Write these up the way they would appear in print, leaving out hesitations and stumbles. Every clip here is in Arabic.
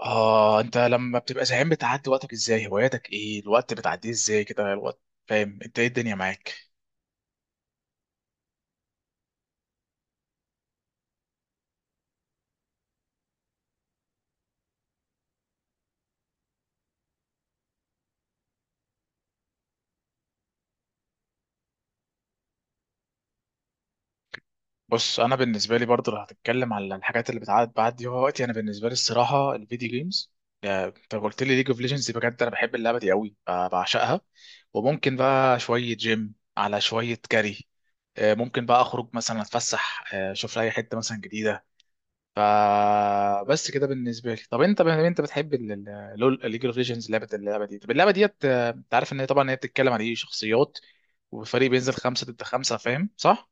اه، انت لما بتبقى زهقان بتعدي وقتك ازاي؟ هواياتك ايه؟ الوقت بتعديه ازاي كده الوقت؟ فاهم انت ايه الدنيا معاك؟ بص، انا بالنسبه لي برضه لو هتتكلم على الحاجات اللي بتعدي بعدي وقتي، انا بالنسبه لي الصراحه الفيديو جيمز. انت قلت لي ليج اوف ليجندز، بجد انا بحب اللعبه دي قوي، بعشقها. وممكن بقى شويه جيم على شويه كاري. ممكن بقى اخرج مثلا اتفسح، اشوف لي حته مثلا جديده. فبس كده بالنسبه لي. طب انت بتحب لول؟ ليج اوف ليجندز لعبه، اللعبه دي، طب اللعبه ديت انت عارف ان هي طبعا هي بتتكلم عن ايه، شخصيات وفريق بينزل خمسه ضد خمسه، فاهم صح؟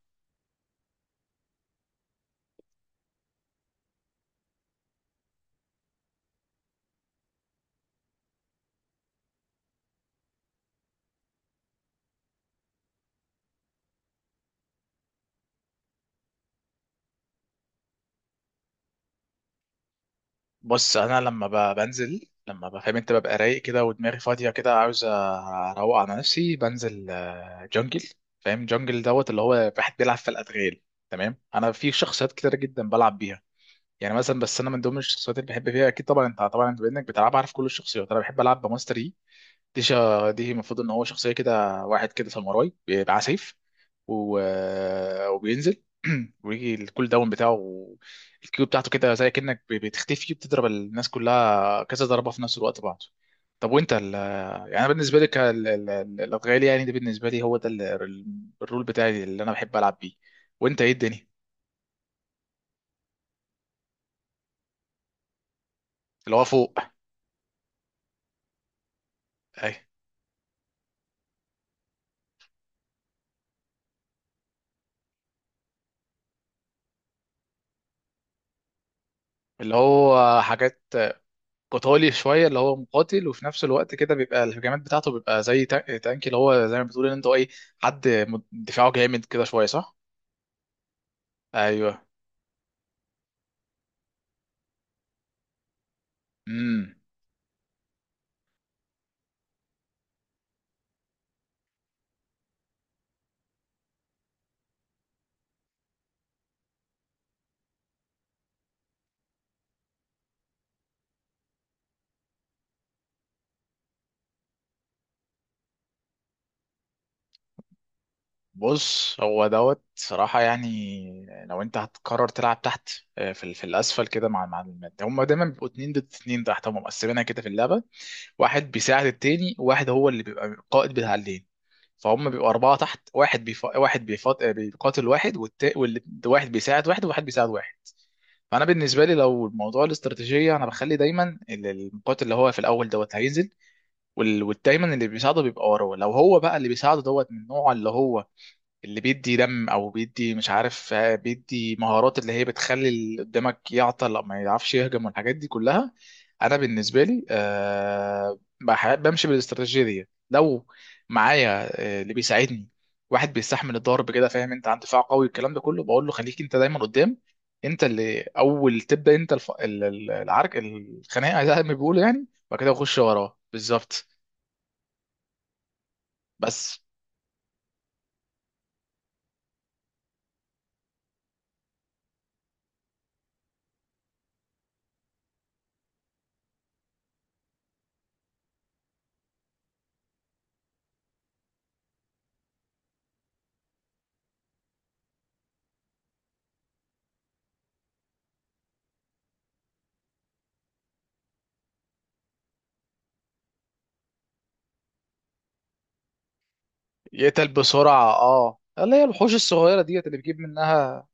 بص انا لما بنزل، لما بفهم انت، ببقى رايق كده ودماغي فاضيه كده، عاوز اروق على نفسي، بنزل جنجل. فاهم؟ جنجل دوت، اللي هو واحد بيلعب في الادغال. تمام. انا في شخصيات كتيره جدا بلعب بيها. يعني مثلا، بس انا من ضمن الشخصيات اللي بحب فيها، اكيد طبعا انت طبعا بانك بتلعب عارف كل الشخصيات، انا بحب العب بماستر يي. دي المفروض ان هو شخصيه كده، واحد كده ساموراي، بيبقى سيف و... وبينزل ويجي الكول داون بتاعه. الكيو بتاعته كده زي كأنك بتختفي، بتضرب الناس كلها كذا ضربة في نفس الوقت بعض. طب وانت يعني، أنا بالنسبة لك الأدغال، يعني ده بالنسبة لي هو ده الرول بتاعي اللي انا بحب العب بيه. وانت ايه الدنيا؟ اللي هو فوق. اي. اللي هو حاجات قتالي شويه، اللي هو مقاتل وفي نفس الوقت كده بيبقى الهجمات بتاعته بيبقى زي تانك، اللي هو زي ما بتقول ان انت ايه، حد دفاعه جامد كده شويه، صح؟ ايوه. امم. بص هو دوت صراحه يعني، لو انت هتقرر تلعب تحت في في الاسفل كده، مع هم دايما بيبقوا اتنين ضد اتنين تحت، هم مقسمينها كده في اللعبه، واحد بيساعد التاني، وواحد هو اللي بيبقى القائد بتاع الليل. فهم بيبقوا أربعة تحت، واحد واحد بيقاتل واحد، والواحد بيساعد واحد، وواحد بيساعد واحد. فأنا بالنسبة لي لو الموضوع الاستراتيجية، أنا بخلي دايما المقاتل اللي هو في الأول دوت هينزل، ودايما اللي بيساعده بيبقى وراه. لو هو بقى اللي بيساعده دوت من النوع اللي هو اللي بيدي دم، او بيدي مش عارف بيدي مهارات اللي هي بتخلي اللي قدامك يعطل او ما يعرفش يهجم والحاجات دي كلها، انا بالنسبه لي أه بمشي بالاستراتيجيه دي. لو معايا اللي بيساعدني واحد بيستحمل الضرب كده، فاهم انت، عند دفاع قوي الكلام ده كله، بقول له خليك انت دايما قدام، انت اللي اول تبدا انت العرك، الخناقه زي ما بيقولوا يعني، وبعد كده اخش وراه بالظبط. بس. يقتل بسرعة، اه، اللي هي الوحوش الصغيرة ديت اللي بيجيب منها.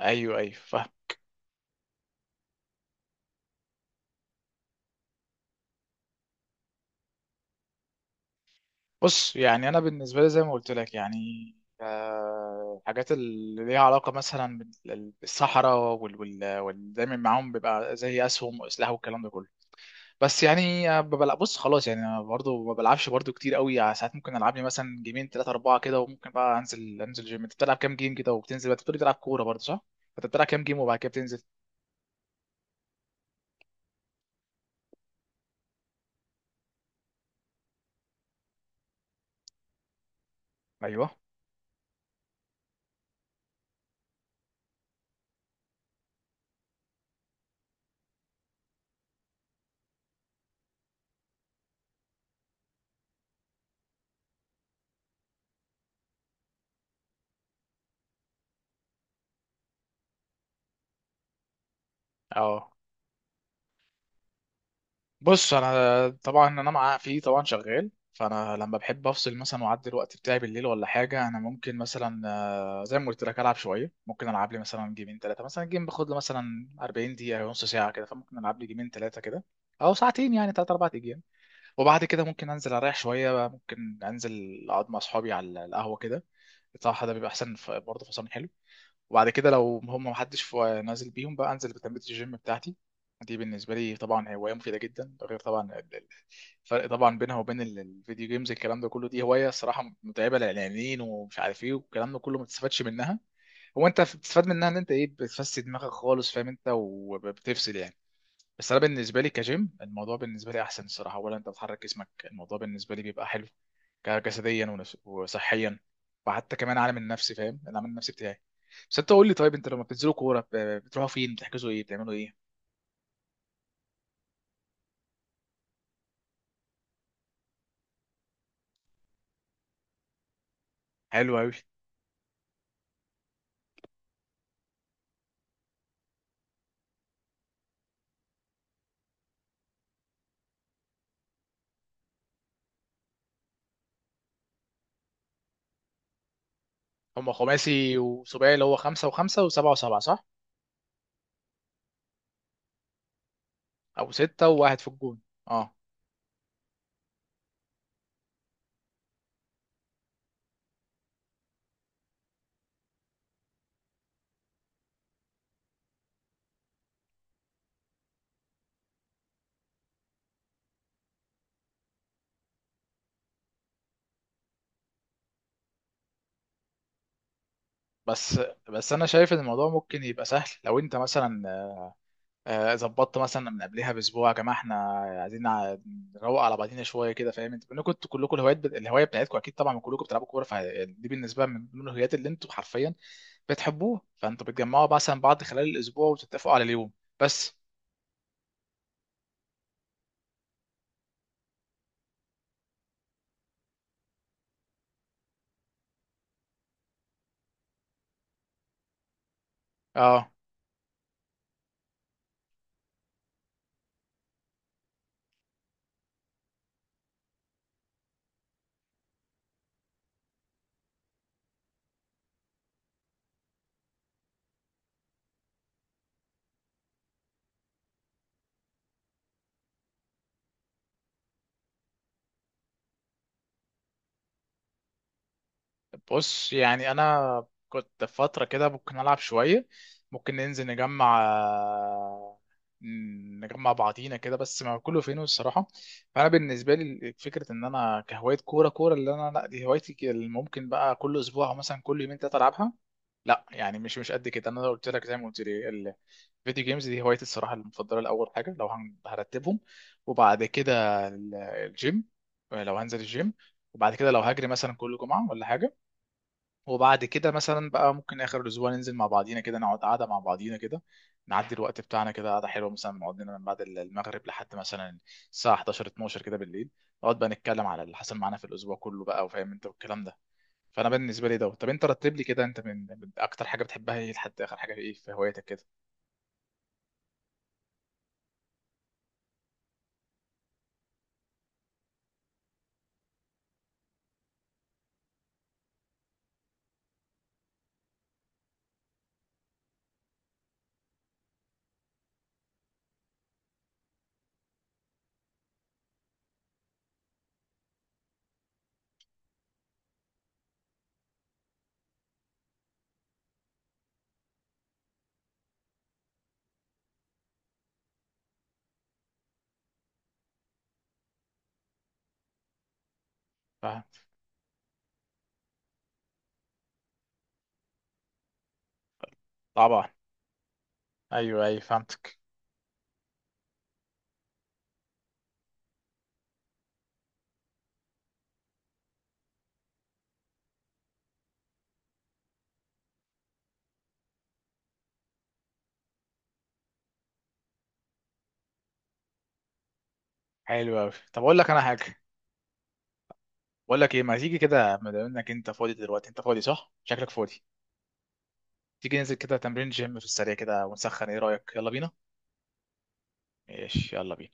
ايوه ايوه فاهم. بص يعني انا بالنسبة لي زي ما قلت لك يعني الحاجات اللي ليها علاقة مثلا بالصحراء وال وال وال- دايما معاهم بيبقى زي اسهم واسلحه والكلام ده كله. بس يعني ببلع، بص خلاص يعني انا برضه ما بلعبش برضه كتير قوي، يعني ساعات ممكن العب لي مثلا جيمين ثلاثة أربعة كده، وممكن بقى انزل جيم. انت بتلعب كام جيم كده وبتنزل بقى؟ بتقولي بتلعب كورة برضه صح؟ انت بتلعب كام جيم وبعد كده بتنزل؟ ايوه. اه. بص انا طبعا انا مع فيه طبعا شغال، فانا لما بحب افصل مثلا واعدي الوقت بتاعي بالليل ولا حاجه، انا ممكن مثلا زي ما قلت لك العب شويه، ممكن العب لي مثلا جيمين ثلاثه، مثلا جيم باخد له مثلا 40 دقيقه أو نص ساعه كده، فممكن العب لي جيمين ثلاثه كده او ساعتين يعني ثلاث اربع ايام. وبعد كده ممكن انزل اريح شويه بقى، ممكن انزل اقعد مع اصحابي على القهوه كده، بصراحه ده بيبقى احسن، برضه فصلني. وبعد كده لو هم محدش نازل بيهم بقى انزل بتمرين الجيم بتاعتي. دي بالنسبه لي طبعا هوايه مفيده جدا، ده غير طبعا الفرق طبعا بينها وبين الفيديو جيمز الكلام ده كله. دي هوايه الصراحه متعبه للاعلانيين ومش عارف ايه والكلام ده كله، ما بتستفادش منها. هو انت بتستفاد منها ان انت ايه، بتفسد دماغك خالص، فاهم انت، وبتفصل يعني. بس انا بالنسبه لي كجيم، الموضوع بالنسبه لي احسن الصراحه، ولا انت بتحرك جسمك، الموضوع بالنسبه لي بيبقى حلو جسديا وصحيا، وحتى كمان عالم النفس، فاهم العالم النفسي بتاعي. بس انت قول لي، طيب انت لما بتنزلوا كوره بتروحوا فين، بتحجزوا ايه، بتعملوا ايه؟ حلو قوي. هم خماسي وسباعي، اللي هو خمسة وخمسة وسبعة وسبعة، صح؟ او ستة وواحد في الجون. اه. بس. بس انا شايف ان الموضوع ممكن يبقى سهل، لو انت مثلا ظبطت مثلا من قبلها باسبوع، يا جماعه احنا عايزين نروق على بعضينا شويه كده، فاهم. انتوا انكم كلكم الهوايات، الهوايه بتاعتكم اكيد طبعا كلكم بتلعبوا كوره، فدي بالنسبه من ضمن الهوايات اللي انتوا حرفيا بتحبوه، فانتوا بتجمعوا مثلا بعض خلال الاسبوع وتتفقوا على اليوم. بس. اه. بص يعني انا كنت في فتره كده ممكن العب شويه، ممكن ننزل نجمع نجمع بعضينا كده، بس ما كله فين الصراحه. فانا بالنسبه لي فكره ان انا كهوايه كوره كوره اللي انا، لا دي هوايتي اللي ممكن بقى كل اسبوع او مثلا كل يومين ثلاثه العبها، لا يعني مش قد كده. انا لو قلت لك زي ما قلت لي الفيديو جيمز دي هوايتي الصراحه المفضله لاول حاجه، لو هرتبهم، وبعد كده الجيم، لو هنزل الجيم، وبعد كده لو هجري مثلا كل جمعه ولا حاجه، وبعد كده مثلا بقى ممكن اخر الاسبوع ننزل مع بعضينا كده، نقعد قعده مع بعضينا كده، نعدي الوقت بتاعنا كده، قعده حلوه مثلا نقعد لنا من بعد المغرب لحد مثلا الساعه 11 12 كده بالليل، نقعد بقى نتكلم على اللي حصل معانا في الاسبوع كله بقى، وفاهم انت والكلام ده. فانا بالنسبه لي ده. طب انت رتب لي كده انت، من اكتر حاجه بتحبها ايه لحد اخر حاجه ايه في هوايتك كده؟ فاهم. طبعا. ايوه ايوه فهمتك. حلو قوي، طب اقول لك انا حاجه. بقول لك ايه، ما تيجي كده ما دام انك انت فاضي دلوقتي، انت فاضي صح؟ شكلك فاضي. تيجي ننزل كده تمرين جيم في السريع كده ونسخن، ايه رأيك، يلا بينا. ماشي، يلا بينا.